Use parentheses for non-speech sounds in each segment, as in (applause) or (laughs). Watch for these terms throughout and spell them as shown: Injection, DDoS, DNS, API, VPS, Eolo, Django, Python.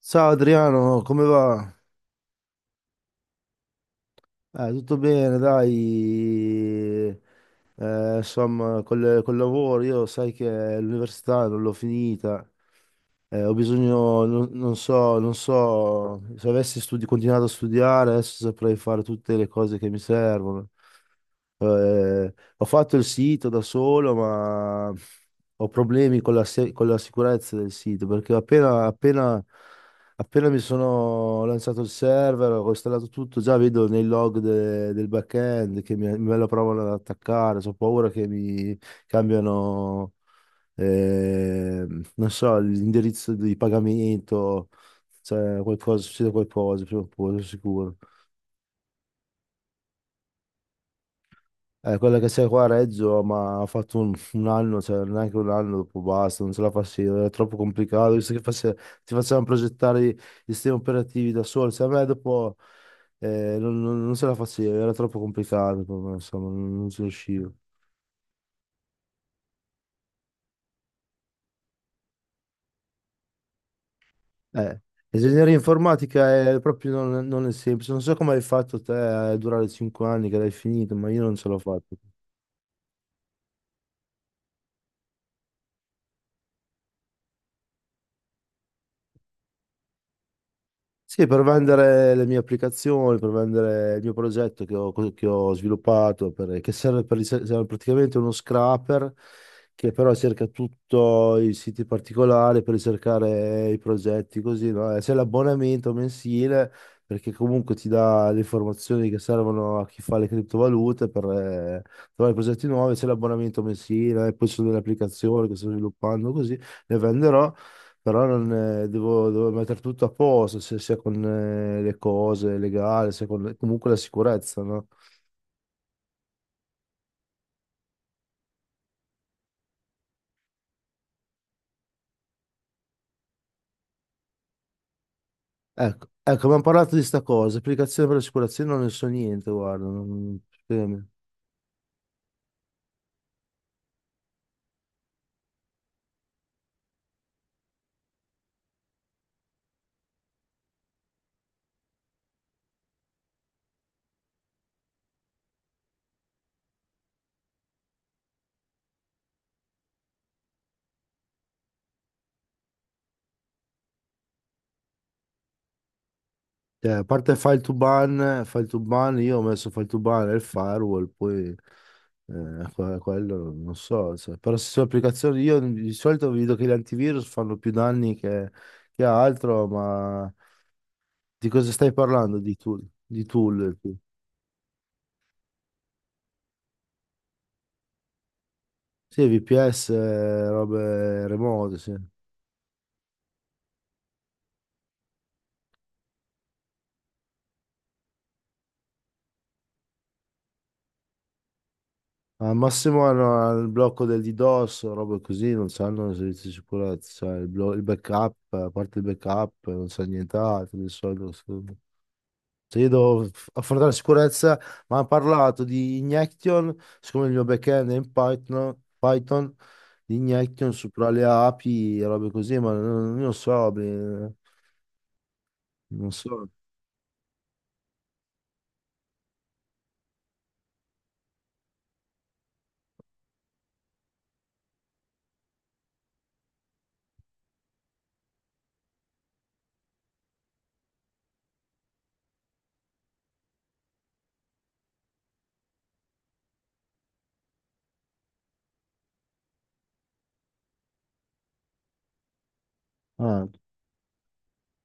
Ciao Adriano, come va? Tutto bene, dai. Insomma, col lavoro, io sai che l'università non l'ho finita. Ho bisogno, non so, se avessi continuato a studiare, adesso saprei fare tutte le cose che mi servono. Ho fatto il sito da solo, ma ho problemi con la, se- con la sicurezza del sito, perché appena mi sono lanciato il server, ho installato tutto, già vedo nei log del backend che me lo provano ad attaccare, ho paura che mi cambiano, eh, non so, l'indirizzo di pagamento, cioè qualcosa, succede qualcosa prima o poi, sono sicuro. Quella che c'è qua a Reggio, ma ha fatto un anno, cioè neanche un anno, dopo basta, non ce la faceva, era troppo complicato, visto che ti facevano progettare i sistemi operativi da soli, cioè a me dopo non ce la faceva, era troppo complicato, per me, insomma, non ci riuscivo. Eh, Ingegneria informatica è proprio non, non è semplice. Non so come hai fatto te a durare cinque anni che l'hai finito, ma io non ce l'ho fatta. Sì, per vendere le mie applicazioni, per vendere il mio progetto che ho sviluppato, che serve, per, serve praticamente uno scraper che però cerca tutti i siti particolari per ricercare i progetti, così, no? E c'è l'abbonamento mensile perché comunque ti dà le informazioni che servono a chi fa le criptovalute per trovare progetti nuovi, c'è l'abbonamento mensile, e poi ci sono delle applicazioni che sto sviluppando, così le venderò. Però non, devo, devo mettere tutto a posto, se sia con le cose legali, sia con comunque la sicurezza, no? Ecco, ecco, abbiamo parlato di sta cosa, applicazione per l'assicurazione non ne so niente, guarda, scusami. Cioè, a parte file to ban, io ho messo file to ban e il firewall, poi quello non so, cioè, però se sono applicazioni, io di solito vedo che gli antivirus fanno più danni che altro, ma di cosa stai parlando di tool? Di tool? Sì, VPS, robe remote, sì. Al massimo hanno il blocco del DDoS, robe così, non sanno i servizi di sicurezza, cioè il backup, a parte il backup, non sa nient'altro di solito. Sì. Se io devo affrontare la sicurezza, ma hanno parlato di Injection, siccome il mio backend è in Python di Injection su tra le API e robe così, ma non lo so, beh, non so. Ah.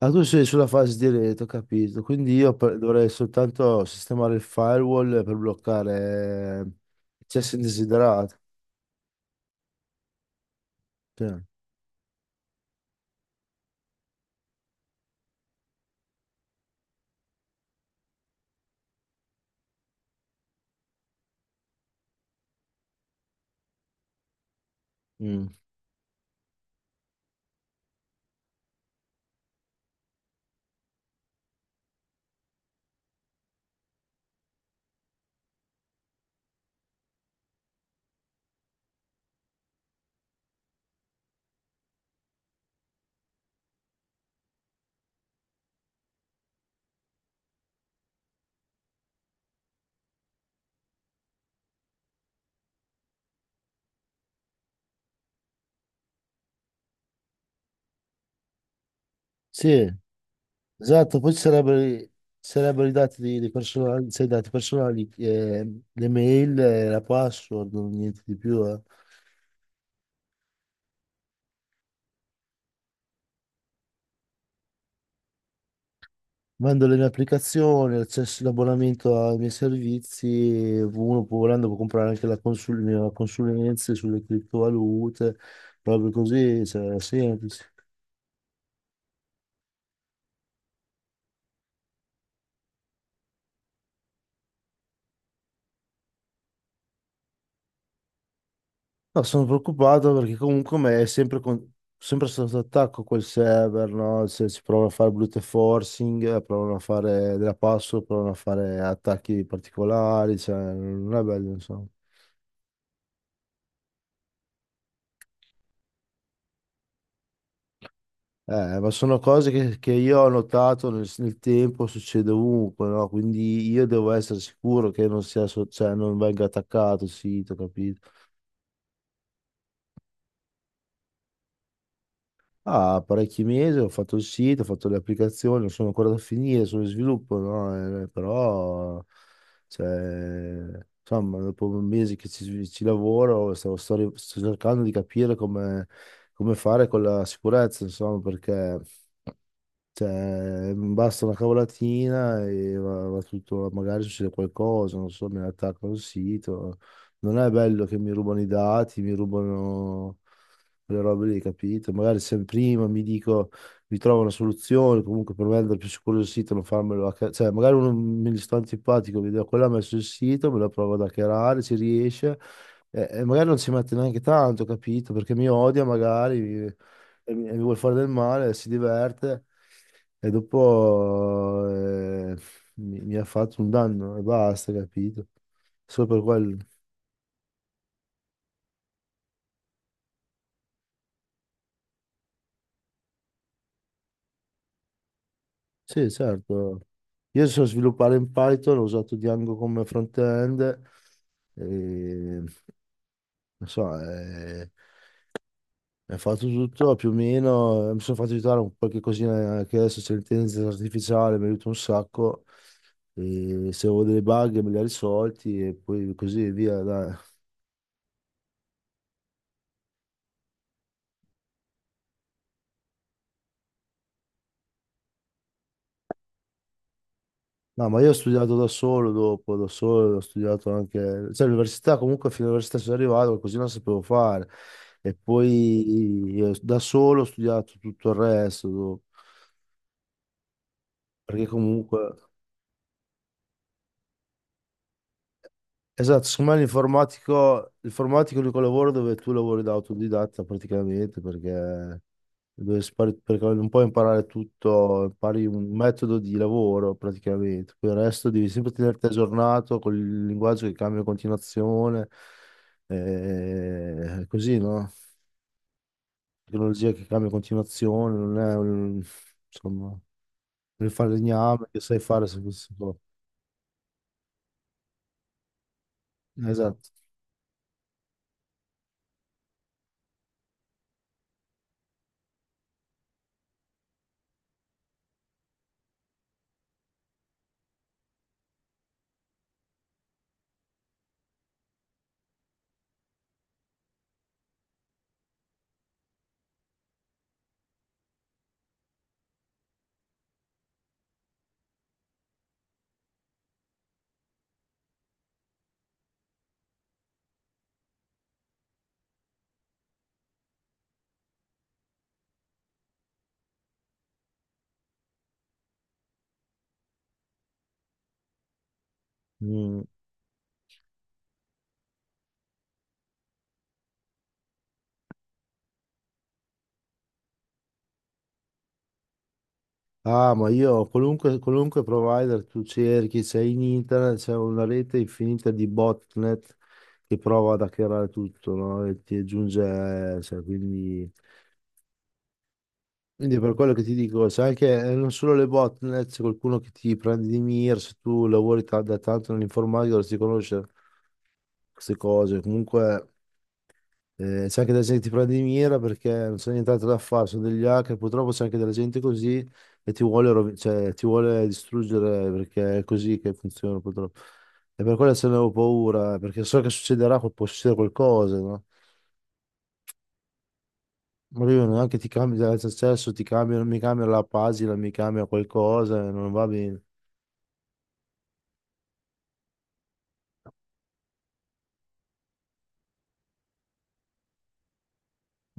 Ah, tu sei sulla fase di rete, ho capito. Quindi io dovrei soltanto sistemare il firewall per bloccare accessi indesiderati. Sì. Mm. Sì, esatto. Poi ci sarebbero i dati, dei personali, cioè, i dati personali, le mail, la password, niente di più. Eh. Mando le mie applicazioni, accesso l'abbonamento ai miei servizi. Uno può, volendo, può comprare anche le mie consulenze sulle criptovalute. Proprio così, cioè, è semplice. No, sono preoccupato perché comunque me è sempre sotto attacco quel server, no? Se si provano a fare brute forcing, provano a fare della password, provano a fare attacchi particolari, cioè non è bello, insomma. Ma sono cose che io ho notato nel tempo, succede ovunque, no? Quindi io devo essere sicuro che non sia, so- cioè, non venga attaccato il sito, capito? Ah, parecchi mesi, ho fatto il sito, ho fatto le applicazioni, non sono ancora da finire, sono in sviluppo, no? Però, cioè, insomma, dopo mesi che ci lavoro, sto cercando di capire come, come fare con la sicurezza, insomma, perché cioè, basta una cavolatina e va, va tutto, magari succede qualcosa, non so, mi attaccano il sito. Non è bello che mi rubano i dati, mi rubano le robe lì, capito? Magari se prima mi dico, mi trovo una soluzione, comunque per vendere più sicuro il sito, non farmelo cioè, magari uno mi sta antipatico, vedo quello ha messo il sito, me lo provo ad hackerare, ci riesce, e magari non ci mette neanche tanto, capito? Perché mi odia magari e mi vuole fare del male, si diverte. E dopo mi ha fatto un danno e basta, capito? Solo per quello. Sì, certo. Io so sviluppare in Python, ho usato Django come front-end, e, non so, mi ha fatto tutto più o meno, mi sono fatto aiutare un qualche cosina che adesso c'è l'intelligenza artificiale, mi aiuta un sacco, e se avevo delle bug me le ha risolti e poi così via, dai. No, ma io ho studiato da solo dopo, da solo, ho studiato anche, cioè l'università comunque fino all'università sono arrivato, così non sapevo fare. E poi io da solo ho studiato tutto il resto, dopo. Perché comunque, esatto, secondo me l'informatico è l'unico lavoro dove tu lavori da autodidatta praticamente, perché perché non puoi imparare tutto, impari un metodo di lavoro praticamente, poi il resto devi sempre tenerti aggiornato con il linguaggio che cambia in continuazione, così, no? Tecnologia che cambia in continuazione, non è un, insomma, il falegname che sai fare se questo. Esatto. Mm. Ah, ma io qualunque provider tu cerchi, c'è in internet, c'è una rete infinita di botnet che prova ad hackerare tutto, no? E ti aggiunge, cioè, quindi per quello che ti dico, c'è anche, non solo le botnet, c'è qualcuno che ti prende di mira, se tu lavori da tanto nell'informatica dovresti conoscere queste cose, comunque... c'è anche della gente che ti prende di mira perché non c'è nient'altro da fare, sono degli hacker, purtroppo c'è anche della gente così e ti cioè, ti vuole distruggere perché è così che funziona purtroppo. E per quello ce ne avevo paura, perché so che succederà, può succedere qualcosa, no? Ma io neanche ti cambia l'accesso, ti cambiano, mi cambia la pagina, mi cambia qualcosa, non va bene.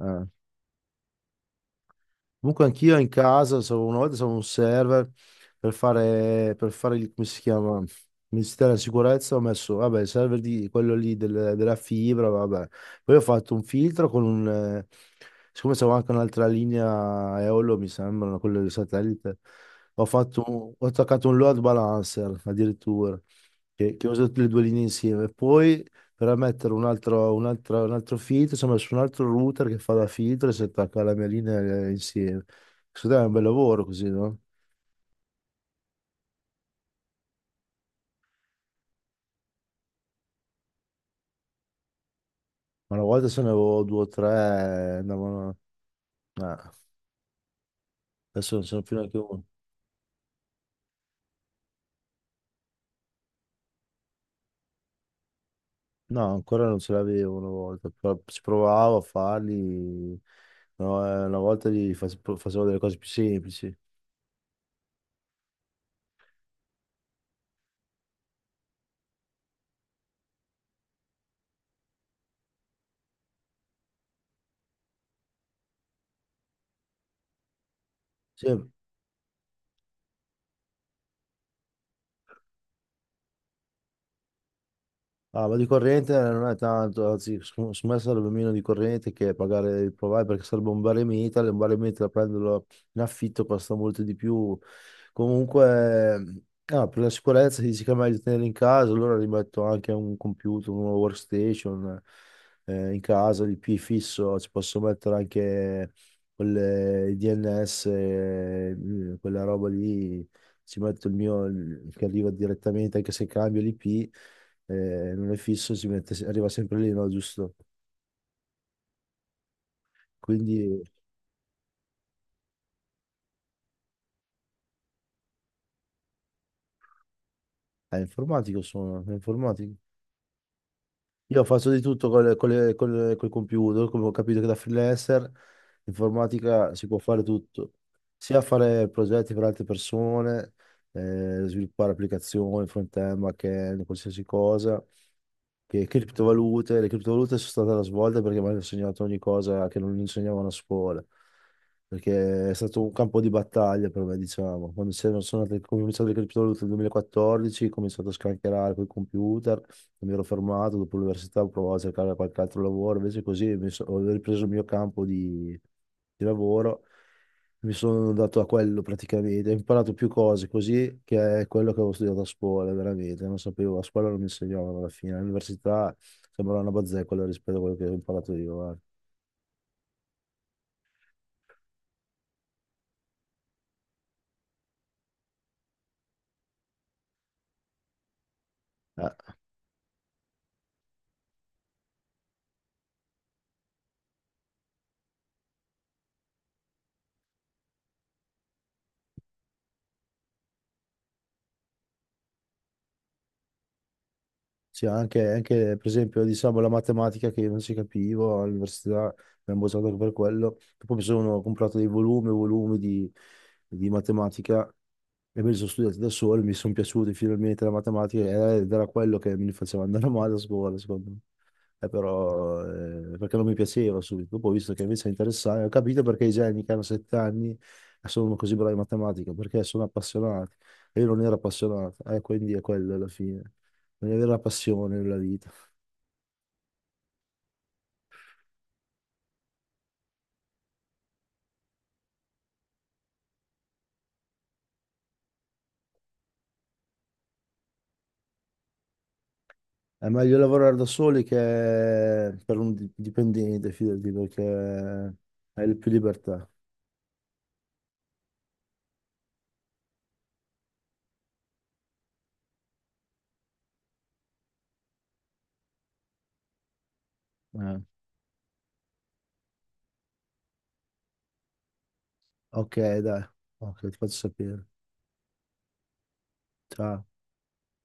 Eh. Comunque anch'io in casa, una volta stavo un server per fare il, come si chiama, Ministero della Sicurezza, ho messo, vabbè, il server di quello lì della fibra, vabbè. Poi ho fatto un filtro con un, siccome c'avevo anche un'altra linea Eolo, mi sembra, quello del satellite, ho fatto, ho attaccato un load balancer addirittura, che ho usato le due linee insieme. Poi per mettere un altro filtro, insomma, su un altro router che fa da filtro e si attacca alla mia linea insieme. Secondo me è un bel lavoro così, no? Ma una volta se ne avevo due o tre, andavano... eh, adesso non ce n'ho più neanche uno. No, ancora non ce l'avevo una volta, però ci provavo a farli, no, una volta facevo delle cose più semplici. Sì, ah, ma di corrente non è tanto, anzi, secondo me sarebbe meno di corrente che pagare il provider perché sarebbe un baremeta, e metal, e un baremeta da prenderlo in affitto costa molto di più. Comunque, ah, per la sicurezza si dice che è meglio tenere in casa, allora rimetto anche un computer, una workstation in casa, l'IP fisso, ci posso mettere anche quelle, i DNS, quella roba lì, ci metto il mio che arriva direttamente anche se cambio l'IP, non è fisso, si mette, arriva sempre lì, no, giusto? Quindi è informatico, sono, è informatico. Io ho fatto di tutto col computer, come ho capito che da freelancer informatica si può fare tutto, sia fare progetti per altre persone, sviluppare applicazioni, front-end, back-end, qualsiasi cosa. Che criptovalute, le criptovalute sono state la svolta perché mi hanno insegnato ogni cosa che non insegnavano a scuola, perché è stato un campo di battaglia per me, diciamo. Quando c'erano- sono andate- Come ho cominciato le criptovalute nel 2014, ho cominciato a scancherare con i computer, mi ero fermato, dopo l'università ho provato a cercare qualche altro lavoro, invece così ho ripreso il mio campo di lavoro, mi sono dato a quello praticamente, ho imparato più cose così che è quello che avevo studiato a scuola, veramente, non sapevo, a scuola non mi insegnavano alla fine, all'università sembrava una bazzecola rispetto a quello che ho imparato io, guarda. Eh, sì, anche, per esempio diciamo la matematica che io non si capivo all'università, mi hanno bocciato anche per quello, poi mi sono comprato dei volumi, e volumi di matematica e me li sono studiati da solo, mi sono piaciuti finalmente la matematica ed era quello che mi faceva andare (laughs) male a scuola, secondo me. Perché non mi piaceva subito. Dopo ho visto che invece è interessante, ho capito perché i geni che hanno sette anni sono così bravi in matematica, perché sono appassionati. E io non ero appassionato, quindi è quello alla fine. Non avere la passione nella vita. È meglio lavorare da soli che per un dipendente, fidati, perché hai più libertà. Eh. Ok, dai. Ok, ti faccio sapere. Ciao.